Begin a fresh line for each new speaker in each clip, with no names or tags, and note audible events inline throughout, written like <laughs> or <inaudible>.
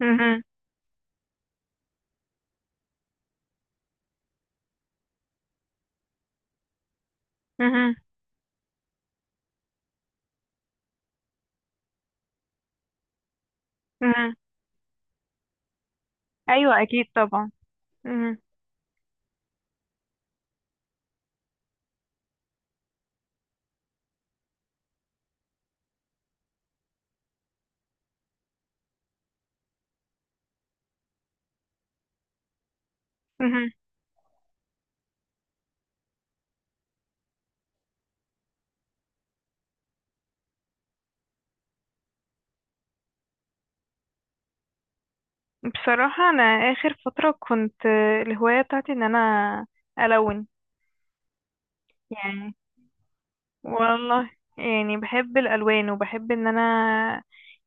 مهم. مهم. مهم. ايوه اكيد طبعا. مهم. مهم. بصراحه انا اخر فتره كنت الهوايه بتاعتي ان انا الون. يعني، والله، يعني بحب الالوان وبحب ان انا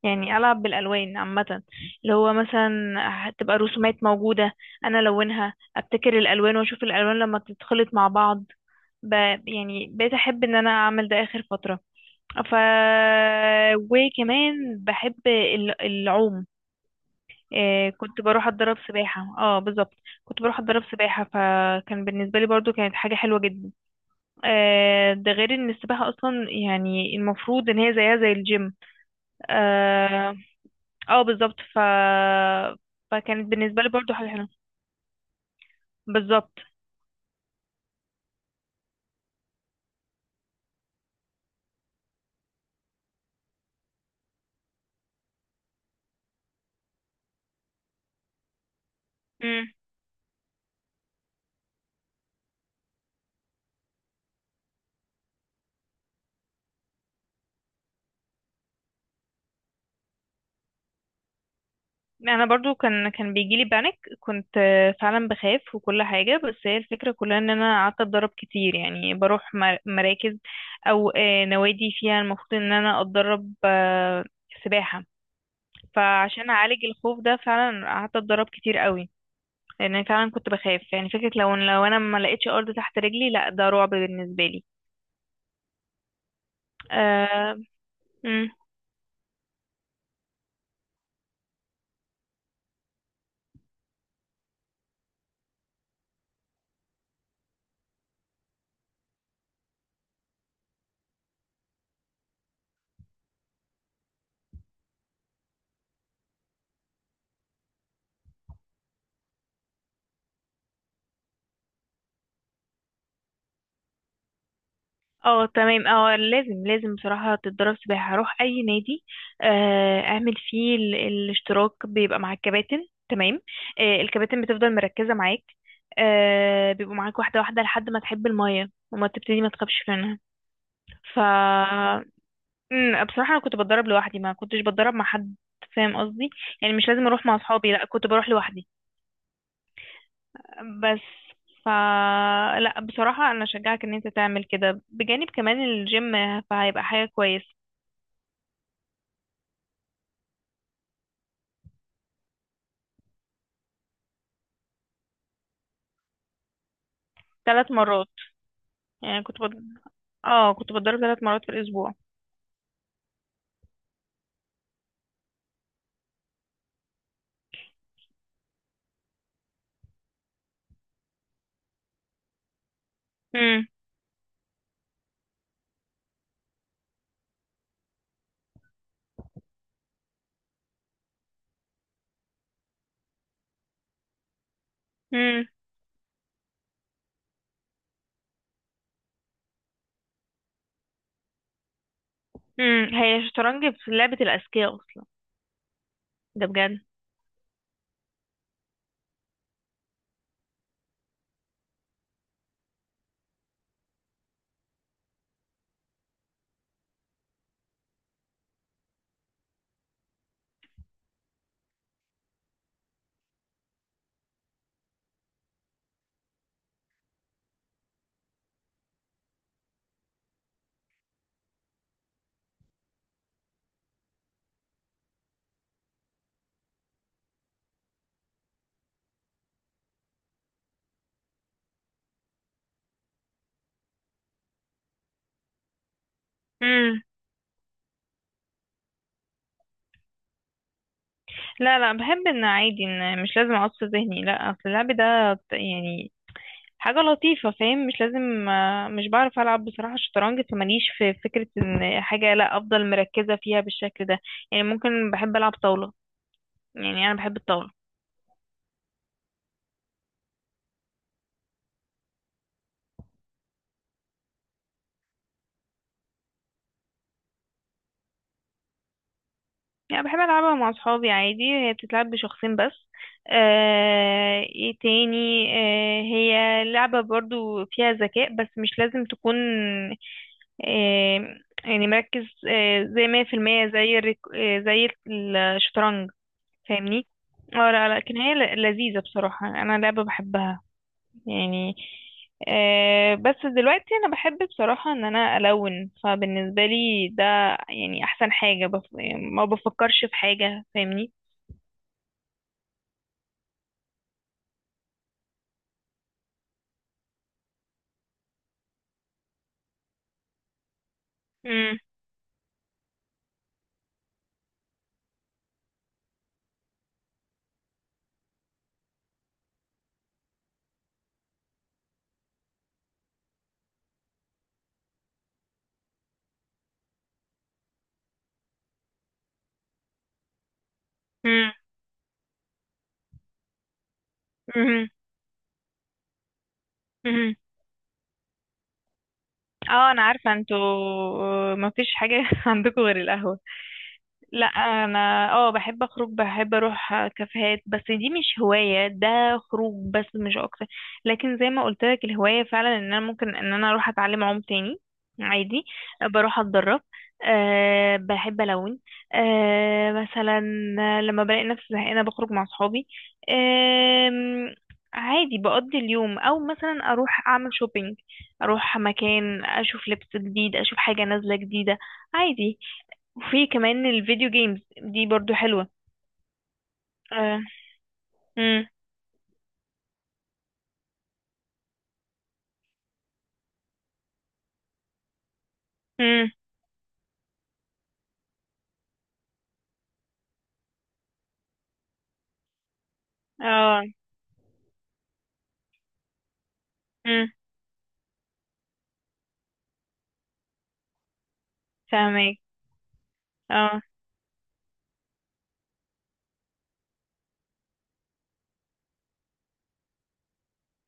يعني العب بالالوان عامه، اللي هو مثلا هتبقى رسومات موجوده انا الونها، ابتكر الالوان واشوف الالوان لما تتخلط مع بعض. ب... يعني بقيت احب ان انا اعمل ده اخر فتره. ف وكمان بحب العوم. كنت بروح اتدرب سباحة، اه بالظبط. كنت بروح اتدرب سباحة، فكان بالنسبة لي برضو كانت حاجة حلوة جدا. ده غير ان السباحة اصلا يعني المفروض ان هي زيها زي الجيم. اه. بالظبط. فكانت بالنسبة لي برضو حاجة حلوة. بالظبط. انا برضو كان بيجيلي بانيك، كنت فعلا بخاف وكل حاجه، بس هي الفكره كلها ان انا قعدت اتدرب كتير، يعني بروح مراكز او نوادي فيها المفروض ان انا اتدرب سباحه. فعشان اعالج الخوف ده فعلا قعدت اتدرب كتير قوي، لان فعلا كنت بخاف. يعني فكره لو انا ما لقيتش ارض تحت رجلي، لا ده رعب بالنسبه لي. أه. اه تمام، اه لازم بصراحة تتدرب سباحة، روح أي نادي اعمل فيه الاشتراك، بيبقى مع الكباتن تمام. الكباتن بتفضل مركزة معاك، بيبقوا معاك واحدة واحدة لحد ما تحب المية وما تبتدي ما تخافش منها. ف بصراحة أنا كنت بتدرب لوحدي، ما كنتش بتدرب مع حد، فاهم قصدي؟ يعني مش لازم أروح مع أصحابي، لأ كنت بروح لوحدي. بس ف لا بصراحة أنا أشجعك إن أنت تعمل كده بجانب كمان الجيم، فهيبقى حاجة كويسة. ثلاث مرات. يعني كنت بض... اه كنت بتضرب ثلاث مرات في الاسبوع. امم. امم. امم، هي الشطرنج في لعبة الاذكياء اصلا، ده بجد. امم. لا لا، بحب ان عادي ان مش لازم اعصف ذهني، لا اصل اللعب ده يعني حاجة لطيفة، فاهم؟ مش لازم مش بعرف العب بصراحة الشطرنج، فماليش في فكرة ان حاجة لا افضل مركزة فيها بالشكل ده. يعني ممكن بحب العب طاولة، يعني انا بحب الطاولة. يعني بحب ألعبها مع أصحابي عادي. هي بتتلعب بشخصين بس. آه، ايه تاني، آه هي لعبة برضو فيها ذكاء، بس مش لازم تكون آه يعني مركز. آه زي مية في المية، زي الريك، آه زي الشطرنج. فاهمني؟ اه لا، لكن هي لذيذة بصراحة، أنا لعبة بحبها. يعني بس دلوقتي انا بحب بصراحة ان انا الون، فبالنسبة لي ده يعني احسن حاجة. يعني ما بفكرش في حاجة، فاهمني؟ مم. مم. مم. مم. اه انا عارفه انتوا ما فيش حاجه <laughs> عندكم غير القهوه. لا انا اه بحب اخرج، بحب اروح كافيهات، بس دي مش هواية، ده خروج بس مش اكتر. لكن زي ما قلت لك، الهواية فعلا ان انا ممكن ان انا اروح اتعلم عوم تاني عادي، بروح اتدرب. أه بحب الون. أه مثلا لما بلاقي نفسي زهقانة بخرج مع صحابي، أه عادي بقضي اليوم، او مثلا اروح اعمل شوبينج، اروح مكان اشوف لبس جديد، اشوف حاجة نازلة جديدة عادي. وفي كمان الفيديو جيمز دي برضو حلوة. اه. امم. امم. اه. امم. فاهمك. اه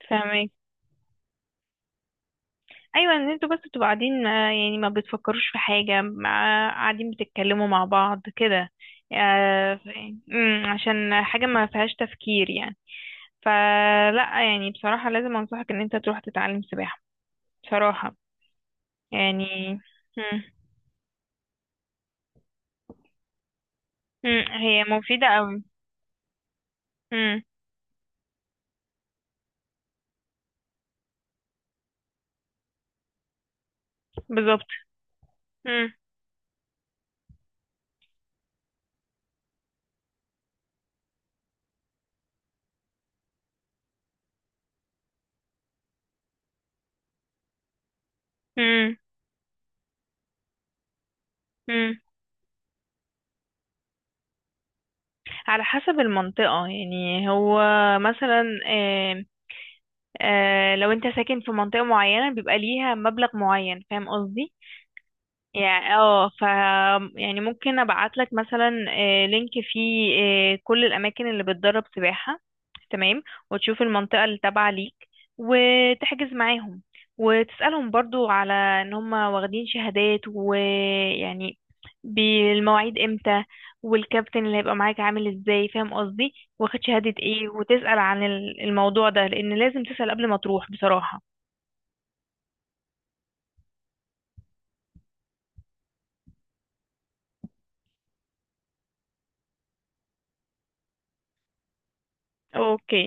فاهمك. ايوه ان انتوا بس بتبقوا قاعدين، يعني ما بتفكروش في حاجة، قاعدين بتتكلموا مع بعض كده، آه، ف- عشان حاجة ما فيهاش تفكير يعني. فلا يعني بصراحة لازم انصحك ان انت تروح تتعلم سباحة بصراحة. يعني امم. امم، هي مفيدة قوي. امم. بالظبط. امم. امم. على حسب المنطقة يعني، هو مثلا لو انت ساكن في منطقة معينة بيبقى ليها مبلغ معين، فاهم قصدي؟ يعني اه. يعني ممكن ابعت لك مثلا لينك فيه كل الاماكن اللي بتدرب سباحة، تمام، وتشوف المنطقة اللي تابعة ليك وتحجز معاهم، وتسألهم برضو على ان هم واخدين شهادات، ويعني بالمواعيد امتى، والكابتن اللي هيبقى معاك عامل ازاي، فاهم قصدي؟ واخد شهادة ايه، وتسأل عن الموضوع ده، لان لازم تسأل قبل ما تروح بصراحة. اوكي.